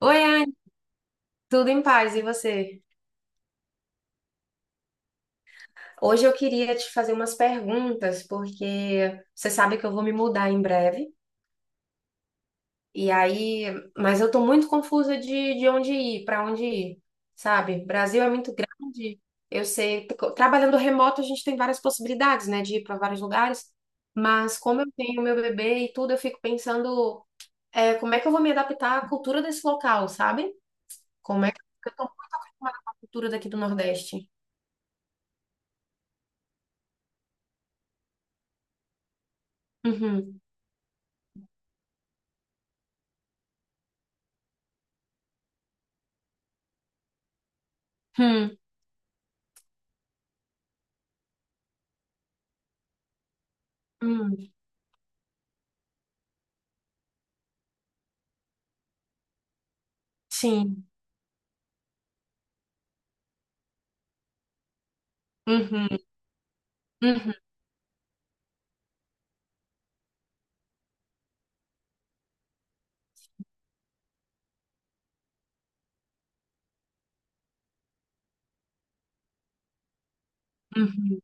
Oi, Anne, tudo em paz, e você? Hoje eu queria te fazer umas perguntas, porque você sabe que eu vou me mudar em breve, e aí, mas eu tô muito confusa de onde ir, para onde ir, sabe? Brasil é muito grande, eu sei, trabalhando remoto a gente tem várias possibilidades, né, de ir para vários lugares, mas como eu tenho meu bebê e tudo, eu fico pensando, como é que eu vou me adaptar à cultura desse local, sabe? Como é que eu tô muito acostumada com a cultura daqui do Nordeste. Uhum. Hum, sim. Uhum, uhum, uhum.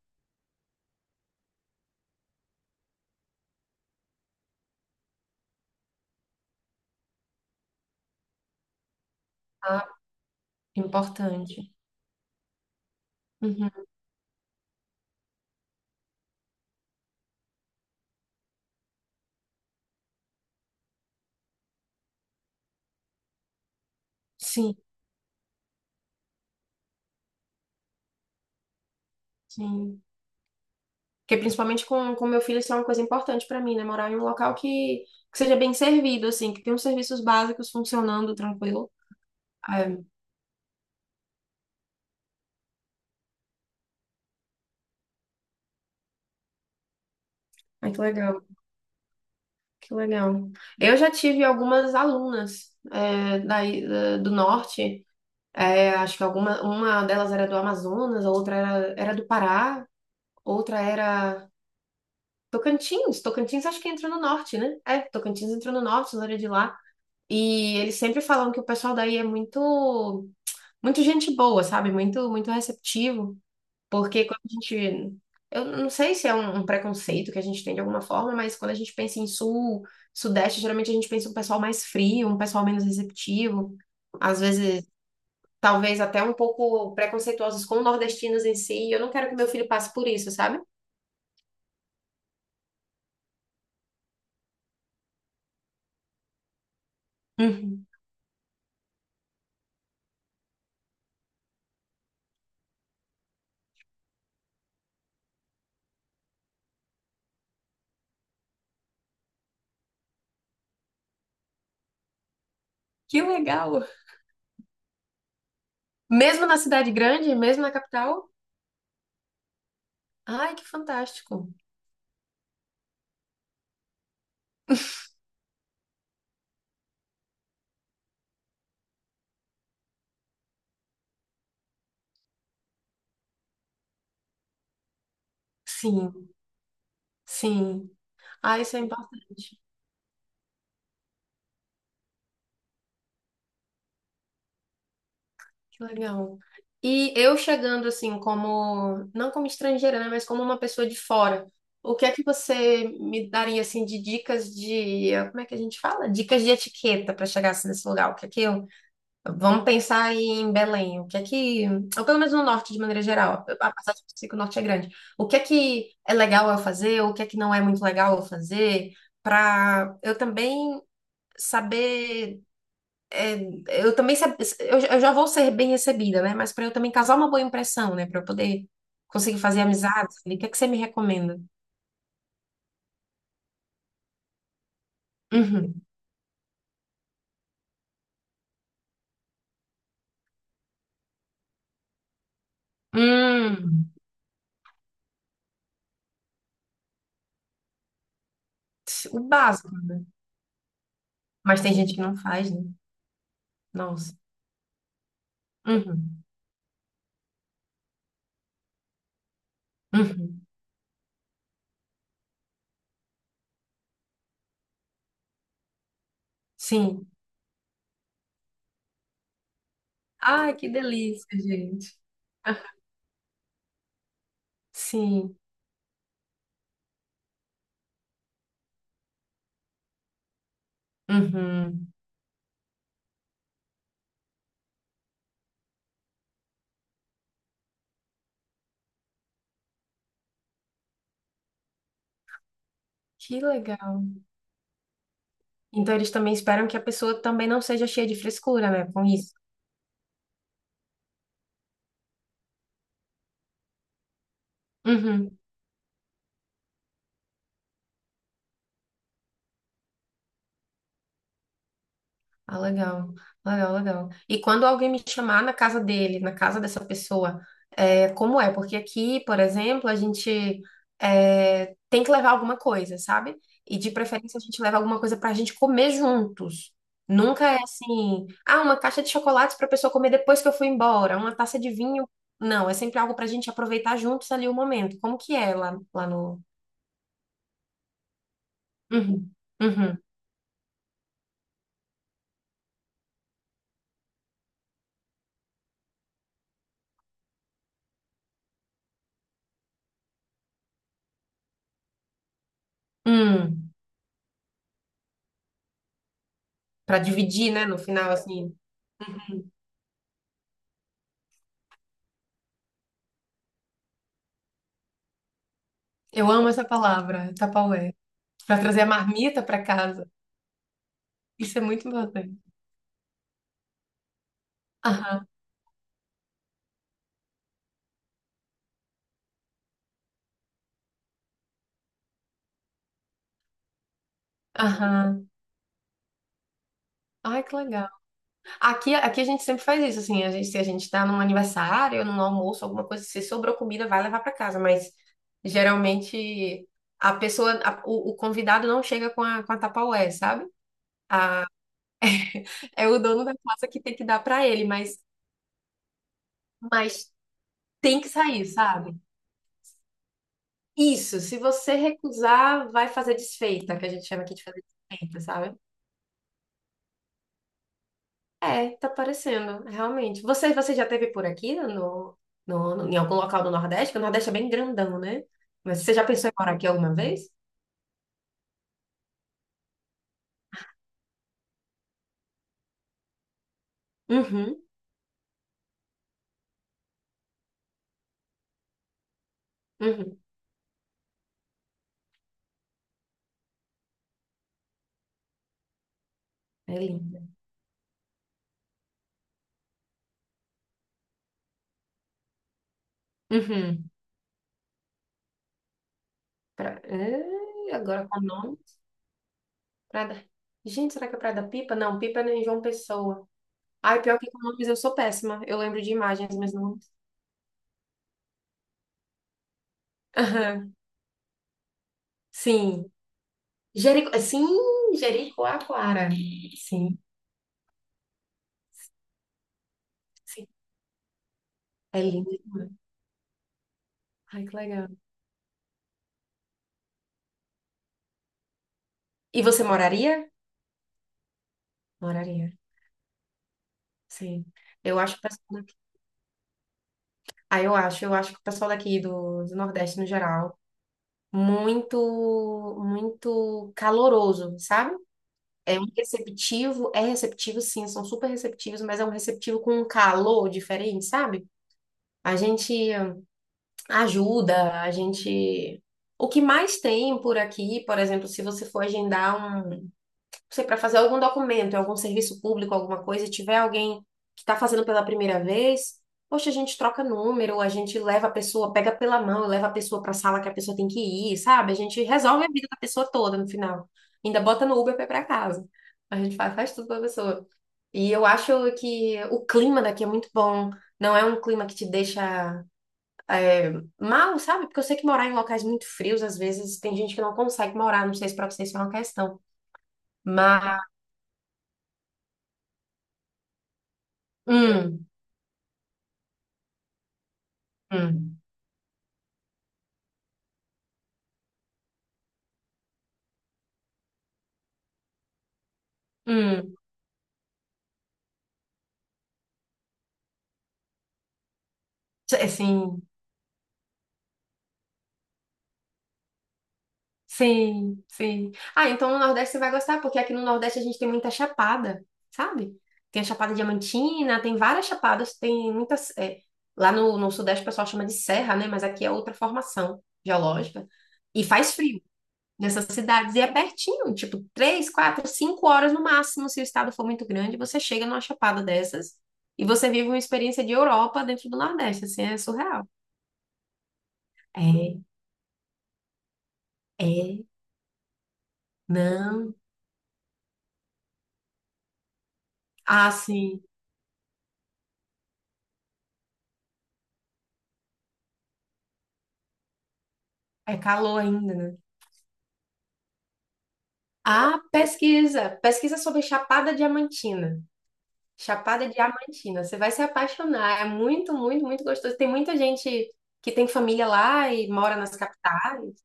Ah, importante. Uhum. Sim, sim. Porque principalmente com meu filho, isso é uma coisa importante para mim, né? Morar em um local que seja bem servido, assim, que tenha os serviços básicos funcionando tranquilo. Ai, ai, que legal, que legal. Eu já tive algumas alunas daí, do norte, acho que alguma, uma delas era do Amazonas, a outra era do Pará, outra era. Tocantins, Tocantins acho que entra no norte, né? É, Tocantins entra no norte, na área de lá. E eles sempre falam que o pessoal daí é muito, muito gente boa, sabe? Muito, muito receptivo. Porque quando a gente, eu não sei se é um preconceito que a gente tem de alguma forma, mas quando a gente pensa em sul, sudeste, geralmente a gente pensa em um pessoal mais frio, um pessoal menos receptivo. Às vezes, talvez até um pouco preconceituosos com nordestinos em si. E eu não quero que meu filho passe por isso, sabe? Uhum. Que legal! Mesmo na cidade grande, mesmo na capital? Ai, que fantástico. Sim, sim. Ah, isso é importante. Que legal. E eu chegando assim, como, não como estrangeira, né, mas como uma pessoa de fora, o que é que você me daria assim de dicas de, como é que a gente fala? Dicas de etiqueta para chegar assim, nesse lugar? O que é que eu. Vamos pensar aí em Belém. O que é que, ou pelo menos no norte de maneira geral, apesar de eu sei que o norte é grande. O que é legal eu fazer? O que é que não é muito legal eu fazer? Para eu também saber, eu também eu já vou ser bem recebida, né? Mas para eu também causar uma boa impressão, né? Para eu poder conseguir fazer amizades. O que é que você me recomenda? Uhum. Hum, o básico, né? Mas tem gente que não faz, né? Nossa. Uhum. Uhum. Sim. Ai, que delícia, gente. Sim. Uhum. Que legal. Então eles também esperam que a pessoa também não seja cheia de frescura, né, com isso. Uhum. Ah, legal, legal, legal. E quando alguém me chamar na casa dele, na casa dessa pessoa, é, como é? Porque aqui, por exemplo, a gente tem que levar alguma coisa, sabe? E de preferência a gente leva alguma coisa pra gente comer juntos. Nunca é assim, ah, uma caixa de chocolates pra pessoa comer depois que eu fui embora, uma taça de vinho. Não, é sempre algo pra gente aproveitar juntos ali o momento. Como que é lá, lá no. Uhum, uhum, hum, pra dividir, né, no final, assim. Uhum. Eu amo essa palavra, tapaué. Pra trazer a marmita pra casa. Isso é muito importante. Aham, aham. Ai, que legal. Aqui a gente sempre faz isso, assim. A gente, se a gente tá num aniversário, num almoço, alguma coisa, se sobrou comida, vai levar pra casa. Mas geralmente a pessoa, o convidado não chega com a, tapaué, sabe? É o dono da casa que tem que dar pra ele, mas tem que sair, sabe? Isso, se você recusar, vai fazer desfeita, que a gente chama aqui de fazer desfeita, sabe? É, tá parecendo, realmente. Você já teve por aqui no, em algum local do Nordeste? Porque o Nordeste é bem grandão, né? Mas você já pensou em morar aqui alguma vez? Uhum, uhum. É lindo. Uhum. Pra, agora com o nome. Praia da- Gente, será que é Praia da Pipa? Não, Pipa é em João Pessoa. Ai, pior que com nomes eu sou péssima. Eu lembro de imagens, mas não. Aham. Sim. Jerico... Sim, Jericoacoara. Sim, sim. É lindo demais. Ai, que legal. E você moraria? Moraria, sim. Eu acho o pessoal daqui, eu acho que o pessoal daqui do Nordeste no geral, muito, muito caloroso, sabe? É um receptivo, é receptivo sim, são super receptivos, mas é um receptivo com um calor diferente, sabe? A gente ajuda, a gente. O que mais tem por aqui, por exemplo, se você for agendar um sei, para fazer algum documento, em algum serviço público, alguma coisa, e tiver alguém que está fazendo pela primeira vez, poxa, a gente troca número, a gente leva a pessoa, pega pela mão, leva a pessoa para a sala que a pessoa tem que ir, sabe? A gente resolve a vida da pessoa toda no final. Ainda bota no Uber para ir para casa. A gente faz, tudo para a pessoa. E eu acho que o clima daqui é muito bom. Não é um clima que te deixa é, mal, sabe? Porque eu sei que morar em locais muito frios, às vezes, tem gente que não consegue morar. Não sei se para vocês isso é uma questão. Mas. Hum, hum. Hum, é sim, sim, sim. Ah, então no Nordeste você vai gostar, porque aqui no Nordeste a gente tem muita chapada, sabe? Tem a Chapada Diamantina, tem várias chapadas, tem muitas. Lá no, Sudeste o pessoal chama de serra, né? Mas aqui é outra formação geológica. E faz frio nessas cidades, e é pertinho, tipo, 3, 4, 5 horas no máximo, se o estado for muito grande, você chega numa chapada dessas e você vive uma experiência de Europa dentro do Nordeste, assim, é surreal. É, é. Não. Ah, sim. É calor ainda, né? Ah, pesquisa. Pesquisa sobre Chapada Diamantina. Chapada Diamantina. Você vai se apaixonar. É muito, muito, muito gostoso. Tem muita gente que tem família lá e mora nas capitais.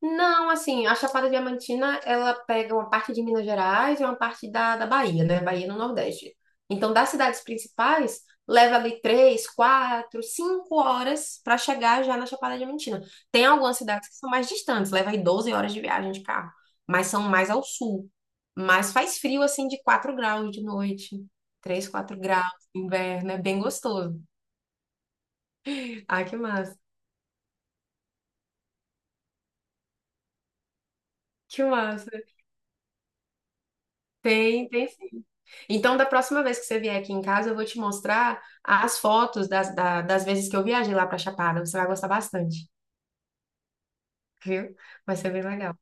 Não, assim, a Chapada Diamantina, ela pega uma parte de Minas Gerais e uma parte da, Bahia, né? Bahia no Nordeste. Então, das cidades principais, leva ali 3, 4, 5 horas para chegar já na Chapada Diamantina. Tem algumas cidades que são mais distantes, leva aí 12 horas de viagem de carro, mas são mais ao sul. Mas faz frio, assim, de 4 graus de noite, 3, 4 graus, inverno, é bem gostoso. Ah, que massa, que massa. Tem, tem. Então, da próxima vez que você vier aqui em casa, eu vou te mostrar as fotos das, das vezes que eu viajei lá para Chapada. Você vai gostar bastante, viu? Vai ser bem legal.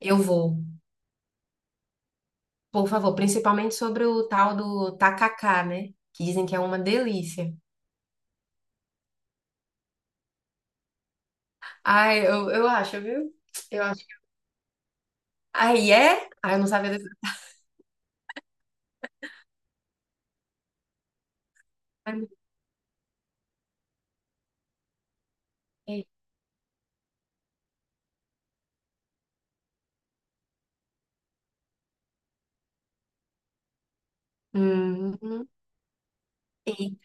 Eu vou, por favor, principalmente sobre o tal do tacacá, né? Que dizem que é uma delícia. Ai, eu acho, viu? Eu acho. Aí é? Ai, eu não sabia desse. Hum, e-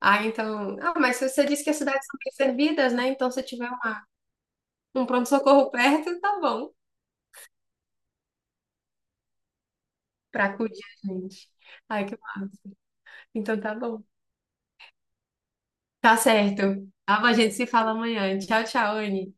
Ah, então. Ah, mas você disse que as cidades são bem servidas, né? Então, se tiver uma, um pronto-socorro perto, tá bom. Pra acudir a gente. Ai, que massa. Então tá bom. Tá certo. Ah, a gente se fala amanhã. Tchau, tchau, Anne.